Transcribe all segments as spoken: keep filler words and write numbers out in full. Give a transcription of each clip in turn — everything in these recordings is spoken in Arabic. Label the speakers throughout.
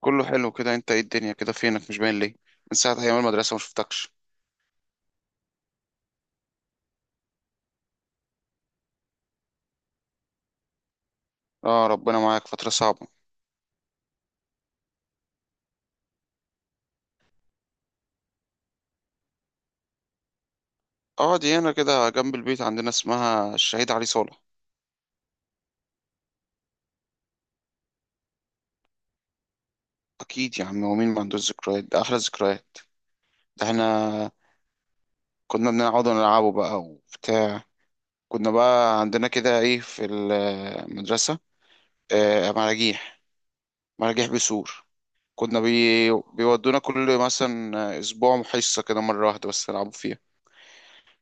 Speaker 1: كله حلو كده، انت ايه؟ الدنيا كده، فينك مش باين ليه؟ من ساعة ايام المدرسة ما شفتكش. اه، ربنا معاك، فترة صعبة. اه، دي هنا كده جنب البيت عندنا، اسمها الشهيد علي صالح. اكيد يا عم، ومين ما عندوش ذكريات؟ ده احلى ذكريات. ده احنا كنا بنقعد نلعبه بقى وبتاع. كنا بقى عندنا كده ايه في المدرسة؟ آه مراجيح. مراجيح بيسور. كنا بي... بيودونا كل مثلا اسبوع حصة كده، مرة واحدة بس نلعبوا فيها.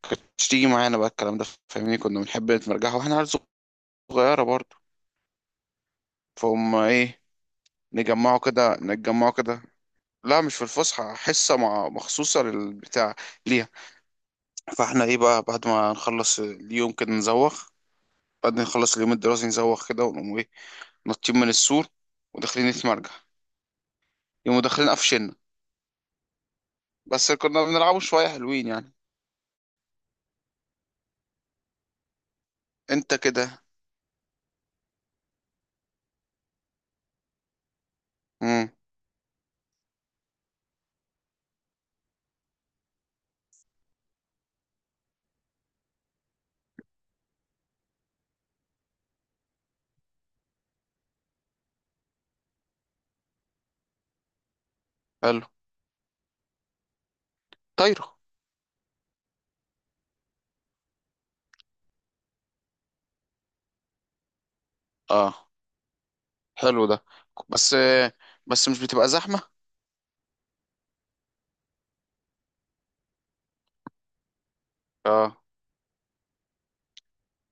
Speaker 1: كانتش تيجي معانا بقى الكلام ده، فاهمني؟ كنا بنحب نتمرجح واحنا عيال صغيرة برضو. فهم ايه. نجمعوا كده نتجمعوا كده. لا، مش في الفسحة، حصة مع مخصوصة للبتاع ليها. فاحنا ايه بقى؟ بعد ما نخلص اليوم كده نزوغ بعد ما نخلص اليوم الدراسي نزوغ كده، ونقوم ايه؟ نطين من السور وداخلين نتمرجح. يقوموا داخلين قفشنا. بس كنا بنلعبوا شوية، حلوين يعني. انت كده. امم. حلو. طايرة. اه، حلو ده. بس، بس مش بتبقى زحمة؟ اه،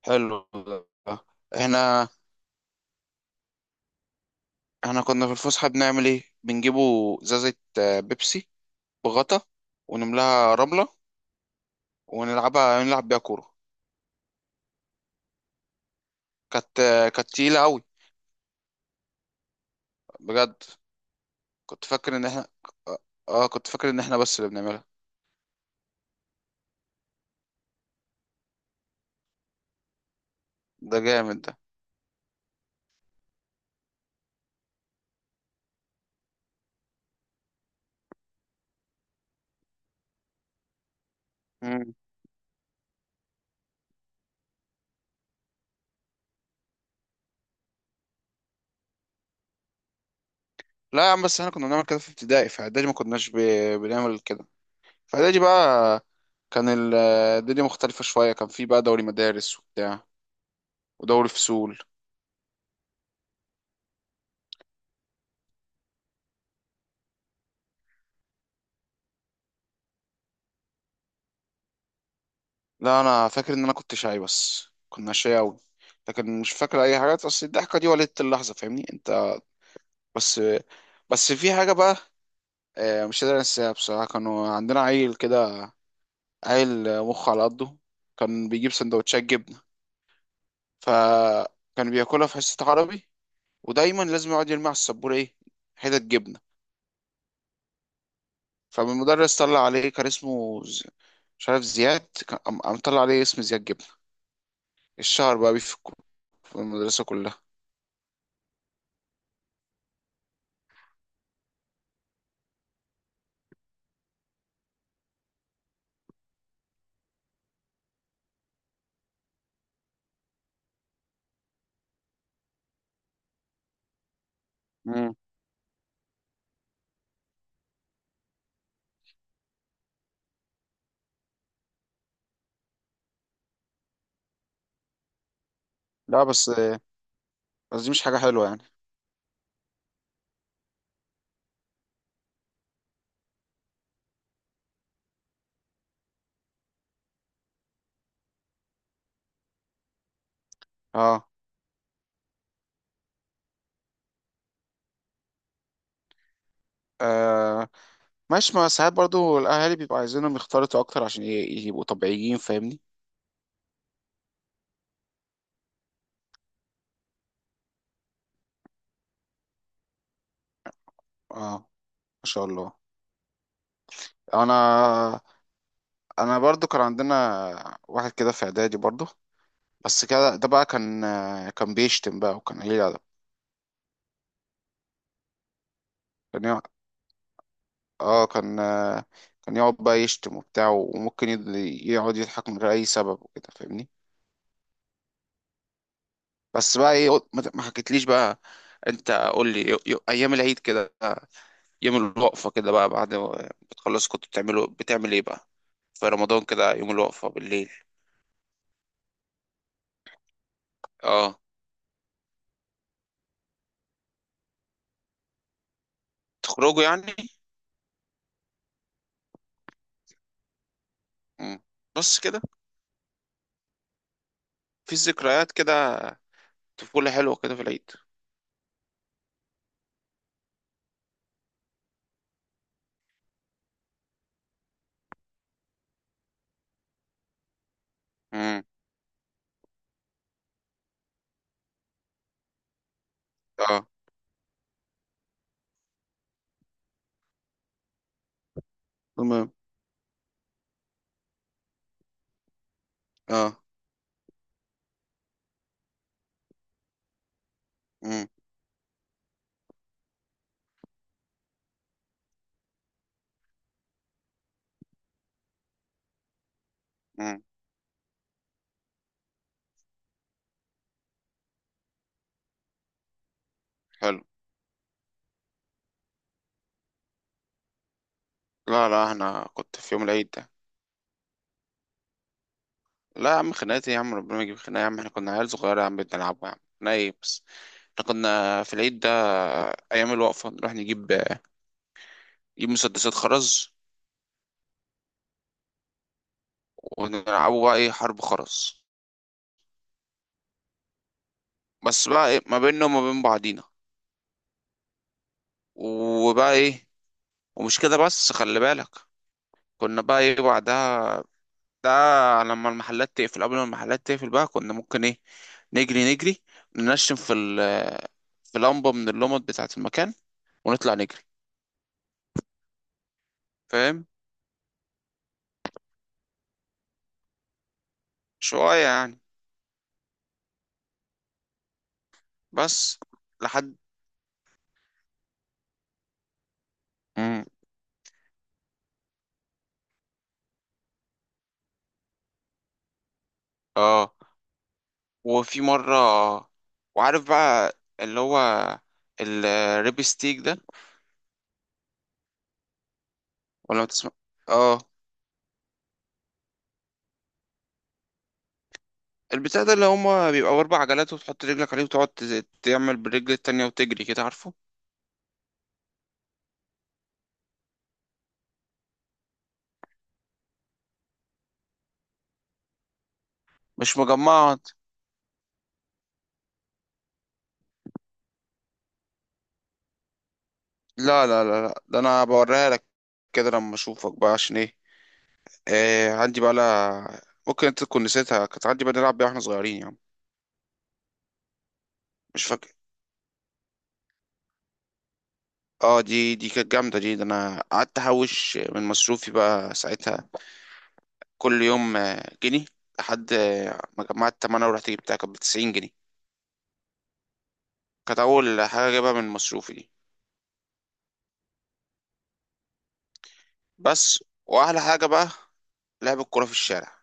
Speaker 1: حلو ده، آه. احنا احنا كنا في الفسحة بنعمل ايه؟ بنجيبوا ازازة آه، بيبسي بغطا، ونملاها رملة، ونلعبها نلعب بيها كورة. كانت آه، كانت تقيلة قوي، بجد. كنت فاكر ان احنا اه آه، كنت فاكر ان احنا بس اللي بنعملها. ده جامد ده. مم. لا يا عم، بس احنا كنا بنعمل كده في ابتدائي، في اعدادي ما كناش ب... بنعمل كده. في اعدادي بقى كان ال- آه، الدنيا مختلفة شوية، كان في بقى دوري مدارس وبتاع، ودوري فصول. لا، انا فاكر ان انا كنت شاي، بس كنا شاي قوي، لكن مش فاكر اي حاجات، اصل الضحكه دي ولدت اللحظه، فاهمني انت. بس، بس في حاجه بقى آه، مش قادر انساها بصراحه. كانوا عندنا عيل كده، عيل مخ على قده. كان بيجيب سندوتشات جبنه، فكان بياكلها في حصه عربي، ودايما لازم يقعد يرمي على السبوره ايه، حتت جبنه. فالمدرس طلع عليه، كان اسمه ز- مش عارف، زياد. كان قام قام طلع عليه اسم زياد جبنه، الشهر بقى بيه في الك- في المدرسه كلها. مم. لا، بس، بس دي مش حاجة حلوة يعني. اه. آه. ماشي، ما ساعات برضو الأهالي بيبقوا عايزينهم يختلطوا أكتر عشان ي- يبقوا طبيعيين، فاهمني. اه، ما شاء الله. أنا أنا برضو كان عندنا واحد كده في إعدادي برضو، بس كده. ده بقى كان آه، كان بيشتم بقى، وكان قليل أدب. كان يقعد، اه، كان آه، كان يقعد بقى يشتم وبتاع، وممكن يض- يقعد يضحك من غير أي سبب وكده، فاهمني. بس بقى إيه، ما ما حكيتليش بقى. أنت قول لي، ي- ي- أيام العيد كده، يوم الوقفة كده بقى، بعد ما بتخلص كنت بتعملوا بتعمل ايه بقى؟ في رمضان كده، يوم الوقفة بالليل؟ اه. تخرجوا يعني؟ مم. بس كده. في ذكريات كده، طفولة حلوة كده في العيد. مم. اه. تمام. اه. مم. مم. حلو. لا لا، احنا كنت في يوم العيد ده. لا يا عم، خناقات إيه يا عم؟ ربنا ما يجيب خناقة يا عم، احنا كنا عيال صغيرة يا عم بنلعبوا يا عم، خناقة ايه بس. احنا كنا في العيد ده، ايام الوقفة نروح نجيب، نجيب مسدسات خرز، ونلعبوا بقى ايه، حرب خرز، بس بقى ايه ما بيننا وما بين بعضينا، وبقى ايه. ومش كده بس، خلي بالك، كنا بقى ايه بعدها، ده لما المحلات تقفل قبل ما المحلات تقفل بقى، كنا ممكن ايه، نجري نجري ننشن في ال في لمبة من اللمبات بتاعة المكان، ونطلع نجري، فاهم؟ شوية يعني. بس، لحد. مم. اه. وفي مرة، وعارف بقى اللي هو الريبستيك ده، ولا ما تسمع؟ اه. البتاع ده، اللي هما بيبقوا أربع عجلات، وتحط رجلك عليه وتقعد تز- تعمل بالرجل التانية وتجري كده، عارفه؟ مش مجمعة. لا لا لا لا، ده أنا بوريها لك كده لما أشوفك بقى، عشان إيه. آه عندي بقى. لا، ممكن أنت تكون نسيتها، كانت عندي بقى نلعب بيها وإحنا صغيرين يعني. مش فاكر. اه، دي دي كانت جامدة دي، ده أنا قعدت أحوش من مصروفي بقى ساعتها، كل يوم آه، جنيه، لحد آه، ما جمعت تمنها ورحت جبتها، كانت بتسعين جنيه. كانت أول حاجة جايبها من مصروفي دي. بس، وأحلى حاجة بقى لعب الكورة في الشارع.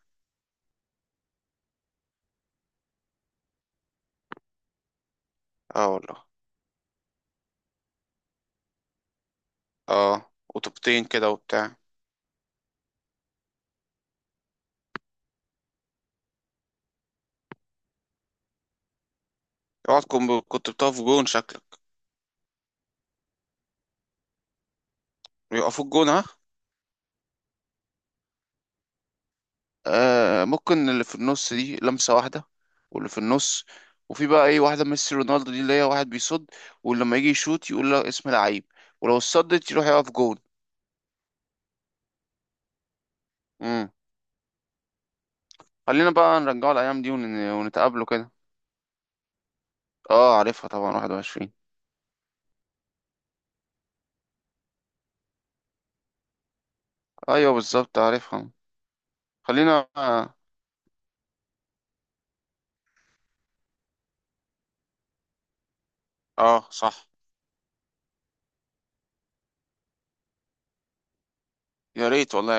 Speaker 1: اه والله. اه، وطوبتين كده وبتاع. يقعد كن- كنت بتقف جون شكلك، بيقفوا الجون، ها. آه ممكن اللي في النص دي لمسة واحدة، واللي في النص. وفي بقى ايه، واحدة ميسي رونالدو، دي اللي هي واحد بيصد، ولما يجي يشوط يقول له اسم لعيب، ولو صدت يروح يقف جون. امم. خلينا بقى نرجعه الأيام دي، ون... ونتقابله كده. اه، عارفها طبعا واحد وعشرين. ايوه بالظبط، عارفها. خلينا، اه، آه، صح. يا ريت والله.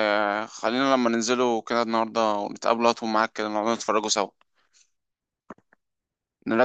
Speaker 1: خلينا لما ننزلوا كده النهارده ونتقابلوا، هاتوا معاك كده نقعد نتفرجوا سوا.